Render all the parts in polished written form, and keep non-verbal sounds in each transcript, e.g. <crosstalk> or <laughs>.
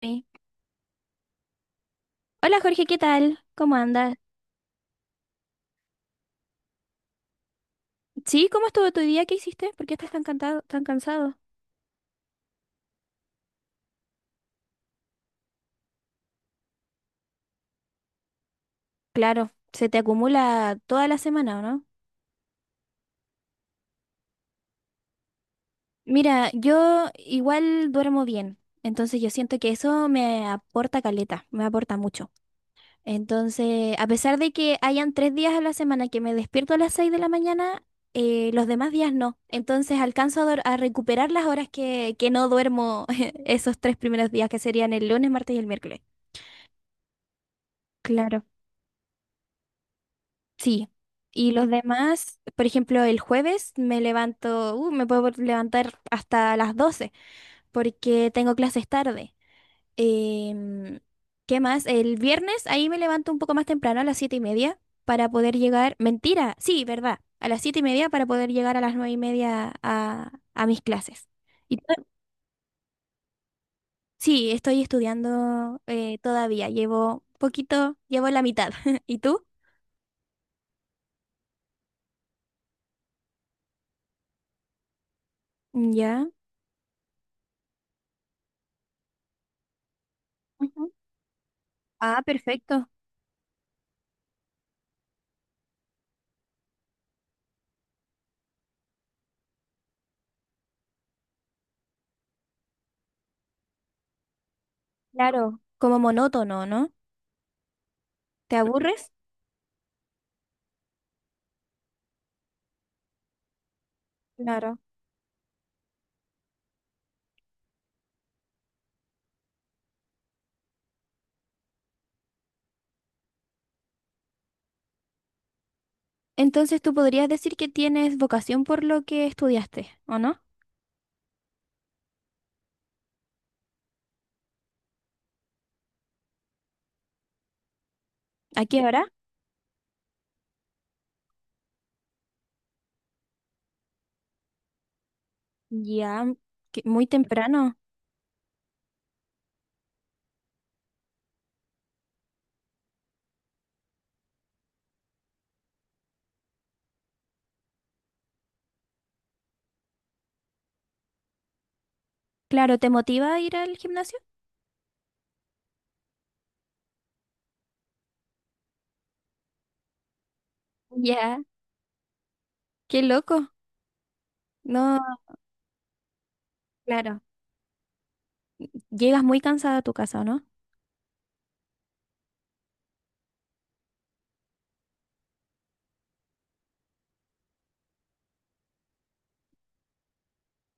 Sí. Hola Jorge, ¿qué tal? ¿Cómo andas? Sí, ¿cómo estuvo tu día? ¿Qué hiciste? ¿Por qué estás tan cansado? Claro, se te acumula toda la semana, ¿o no? Mira, yo igual duermo bien, entonces yo siento que eso me aporta caleta, me aporta mucho. Entonces, a pesar de que hayan 3 días a la semana que me despierto a las 6 de la mañana, los demás días no. Entonces alcanzo a, a recuperar las horas que no duermo <laughs> esos 3 primeros días, que serían el lunes, martes y el miércoles. Claro. Sí. Y los demás, por ejemplo, el jueves me levanto, me puedo levantar hasta las 12 porque tengo clases tarde. Em, ¿qué más? El viernes ahí me levanto un poco más temprano a las 7:30 para poder llegar, mentira, sí, verdad, a las 7:30 para poder llegar a las 9:30 a mis clases. Y to- sí, estoy estudiando todavía, llevo poquito, llevo la mitad. <laughs> ¿Y tú? Ya. Ujú. Ah, perfecto. Claro, como monótono, ¿no? ¿Te aburres? Claro. Entonces tú podrías decir que tienes vocación por lo que estudiaste, ¿o no? ¿A qué hora? Ya, muy temprano. Claro, ¿te motiva a ir al gimnasio? Ya. Qué loco. No, claro. Llegas muy cansada a tu casa, ¿o no?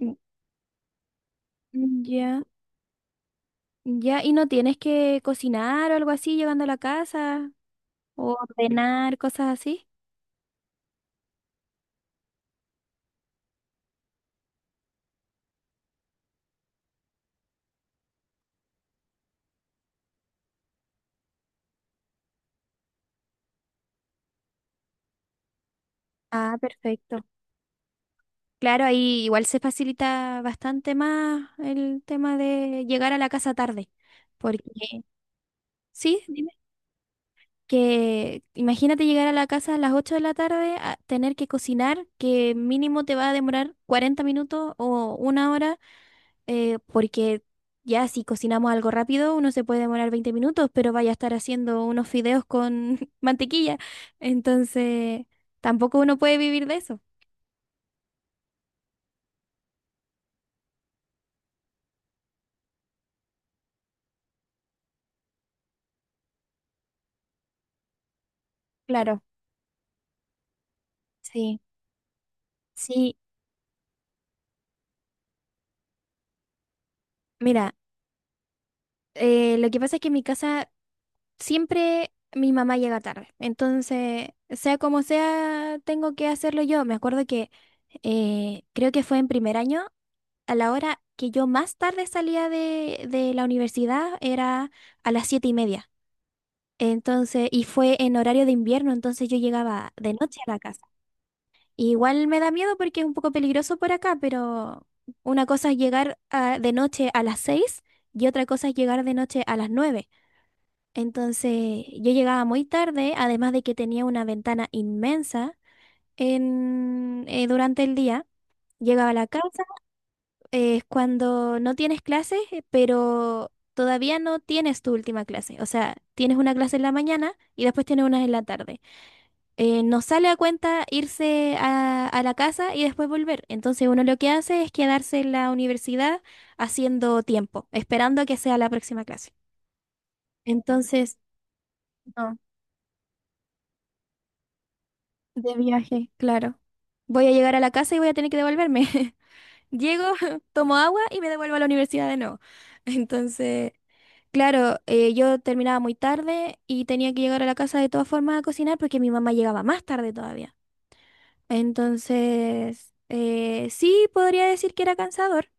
Mm, mm, ya, ya. ¿Y no tienes que cocinar o algo así llegando a la casa? ¿O ordenar cosas así? Ah, perfecto. Claro, ahí igual se facilita bastante más el tema de llegar a la casa tarde. Porque, sí, dime, que imagínate llegar a la casa a las 8 de la tarde, a tener que cocinar, que mínimo te va a demorar 40 minutos o una hora, porque ya si cocinamos algo rápido, uno se puede demorar 20 minutos, pero vaya a estar haciendo unos fideos con <laughs> mantequilla. Entonces, tampoco uno puede vivir de eso. Claro, sí. Sí, mira. Lo que pasa es que en mi casa siempre mi mamá llega tarde. Entonces, sea como sea, tengo que hacerlo yo. Me acuerdo que creo que fue en primer año, a la hora que yo más tarde salía de la universidad era a las 7:30. Entonces, y fue en horario de invierno, entonces yo llegaba de noche a la casa. Igual me da miedo porque es un poco peligroso por acá, pero una cosa es llegar ah, de noche a las 6 y otra cosa es llegar de noche a las 9. Entonces yo llegaba muy tarde, además de que tenía una ventana inmensa durante el día. Llegaba a la casa, es cuando no tienes clases, pero todavía no tienes tu última clase. O sea, tienes una clase en la mañana y después tienes una en la tarde. No sale a cuenta irse a la casa y después volver. Entonces uno lo que hace es quedarse en la universidad haciendo tiempo, esperando a que sea la próxima clase. Entonces, no. De viaje, claro. Voy a llegar a la casa y voy a tener que devolverme. <laughs> Llego, <laughs> tomo agua y me devuelvo a la universidad de nuevo. <laughs> Entonces, claro, yo terminaba muy tarde y tenía que llegar a la casa de todas formas a cocinar porque mi mamá llegaba más tarde todavía. Entonces, sí podría decir que era cansador,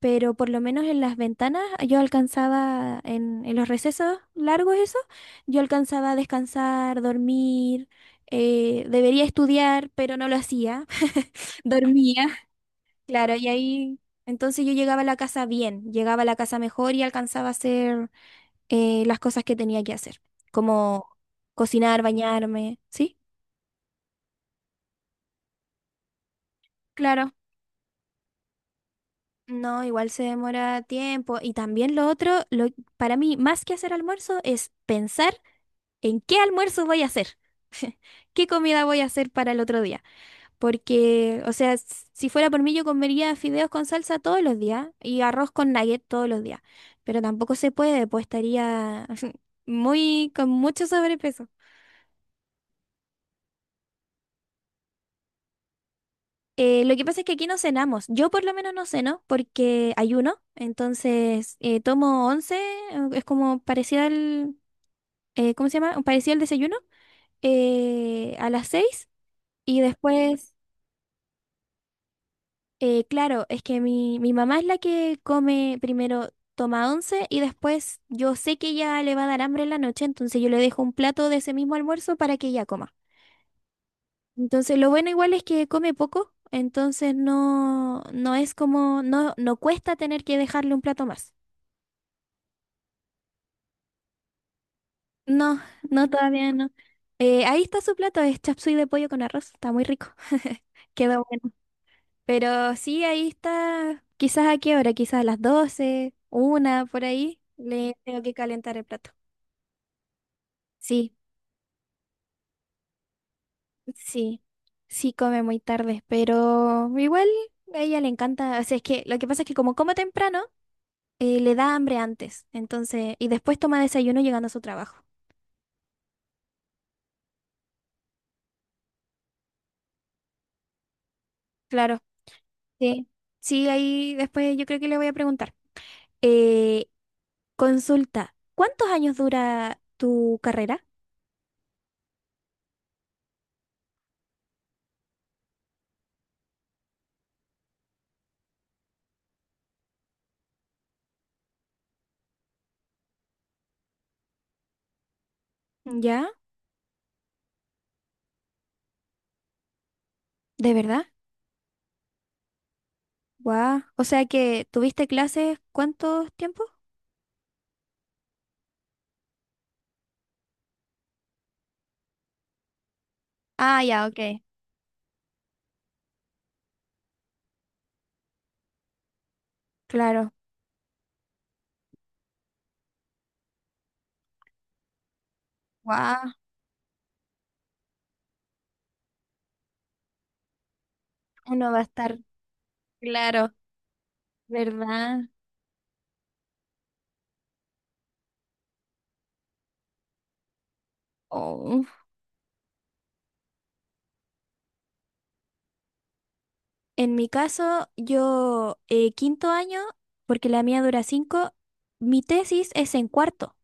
pero por lo menos en las ventanas yo alcanzaba, en los recesos largos eso, yo alcanzaba a descansar, dormir, debería estudiar, pero no lo hacía, <laughs> dormía, claro, y ahí entonces yo llegaba a la casa bien, llegaba a la casa mejor y alcanzaba a hacer las cosas que tenía que hacer, como cocinar, bañarme, ¿sí? Claro. No, igual se demora tiempo. Y también lo otro, lo, para mí, más que hacer almuerzo, es pensar ¿en qué almuerzo voy a hacer? <laughs> ¿Qué comida voy a hacer para el otro día? Porque, o sea, si fuera por mí, yo comería fideos con salsa todos los días y arroz con nugget todos los días. Pero tampoco se puede, pues estaría <laughs> muy, con mucho sobrepeso. Lo que pasa es que aquí no cenamos. Yo por lo menos no ceno porque ayuno. Entonces, tomo 11, es como parecido al, ¿cómo se llama? Parecido al desayuno, a las 6 y después. Claro, es que mi mamá es la que come primero, toma once y después yo sé que ella le va a dar hambre en la noche, entonces yo le dejo un plato de ese mismo almuerzo para que ella coma. Entonces lo bueno igual es que come poco, entonces no, no es como, no, no cuesta tener que dejarle un plato más. No, no, todavía no. Ahí está su plato, es chapsui de pollo con arroz, está muy rico. <laughs> Quedó bueno. Pero sí, ahí está. Quizás a qué hora, quizás a las 12, 1, por ahí. Le tengo que calentar el plato. Sí, sí, sí come muy tarde, pero igual a ella le encanta. O sea, es que lo que pasa es que como come temprano, le da hambre antes. Entonces, y después toma desayuno llegando a su trabajo. Claro, sí. Sí, ahí después yo creo que le voy a preguntar. Eh, consulta, ¿cuántos años dura tu carrera? ¿Ya? ¿De verdad? Guau. O sea que tuviste clases, ¿cuántos tiempos? Ah, ya, ok. Claro. Guau. Uno va a estar claro, ¿verdad? Oh. En mi caso, yo quinto año, porque la mía dura 5, mi tesis es en cuarto.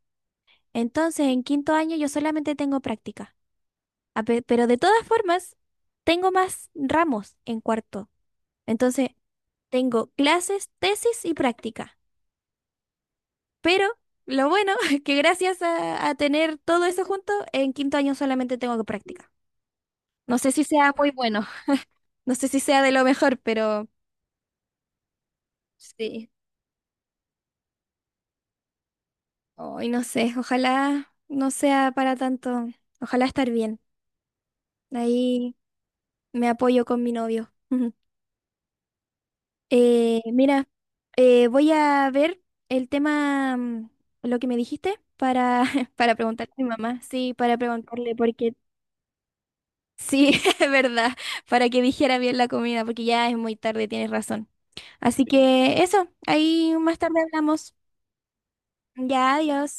Entonces, en quinto año yo solamente tengo práctica. Pero de todas formas, tengo más ramos en cuarto. Entonces, tengo clases, tesis y práctica. Pero lo bueno <laughs> es que gracias a tener todo eso junto, en quinto año solamente tengo que practicar. No sé si sea muy bueno, <laughs> no sé si sea de lo mejor, pero sí. Hoy no sé, ojalá no sea para tanto. Ojalá estar bien. Ahí me apoyo con mi novio. <laughs> Mira, voy a ver el tema, lo que me dijiste, para, <laughs> para preguntarle a mi mamá. Sí, para preguntarle, porque sí, <laughs> es verdad, para que dijera bien la comida, porque ya es muy tarde, tienes razón. Así que eso, ahí más tarde hablamos. Ya, adiós.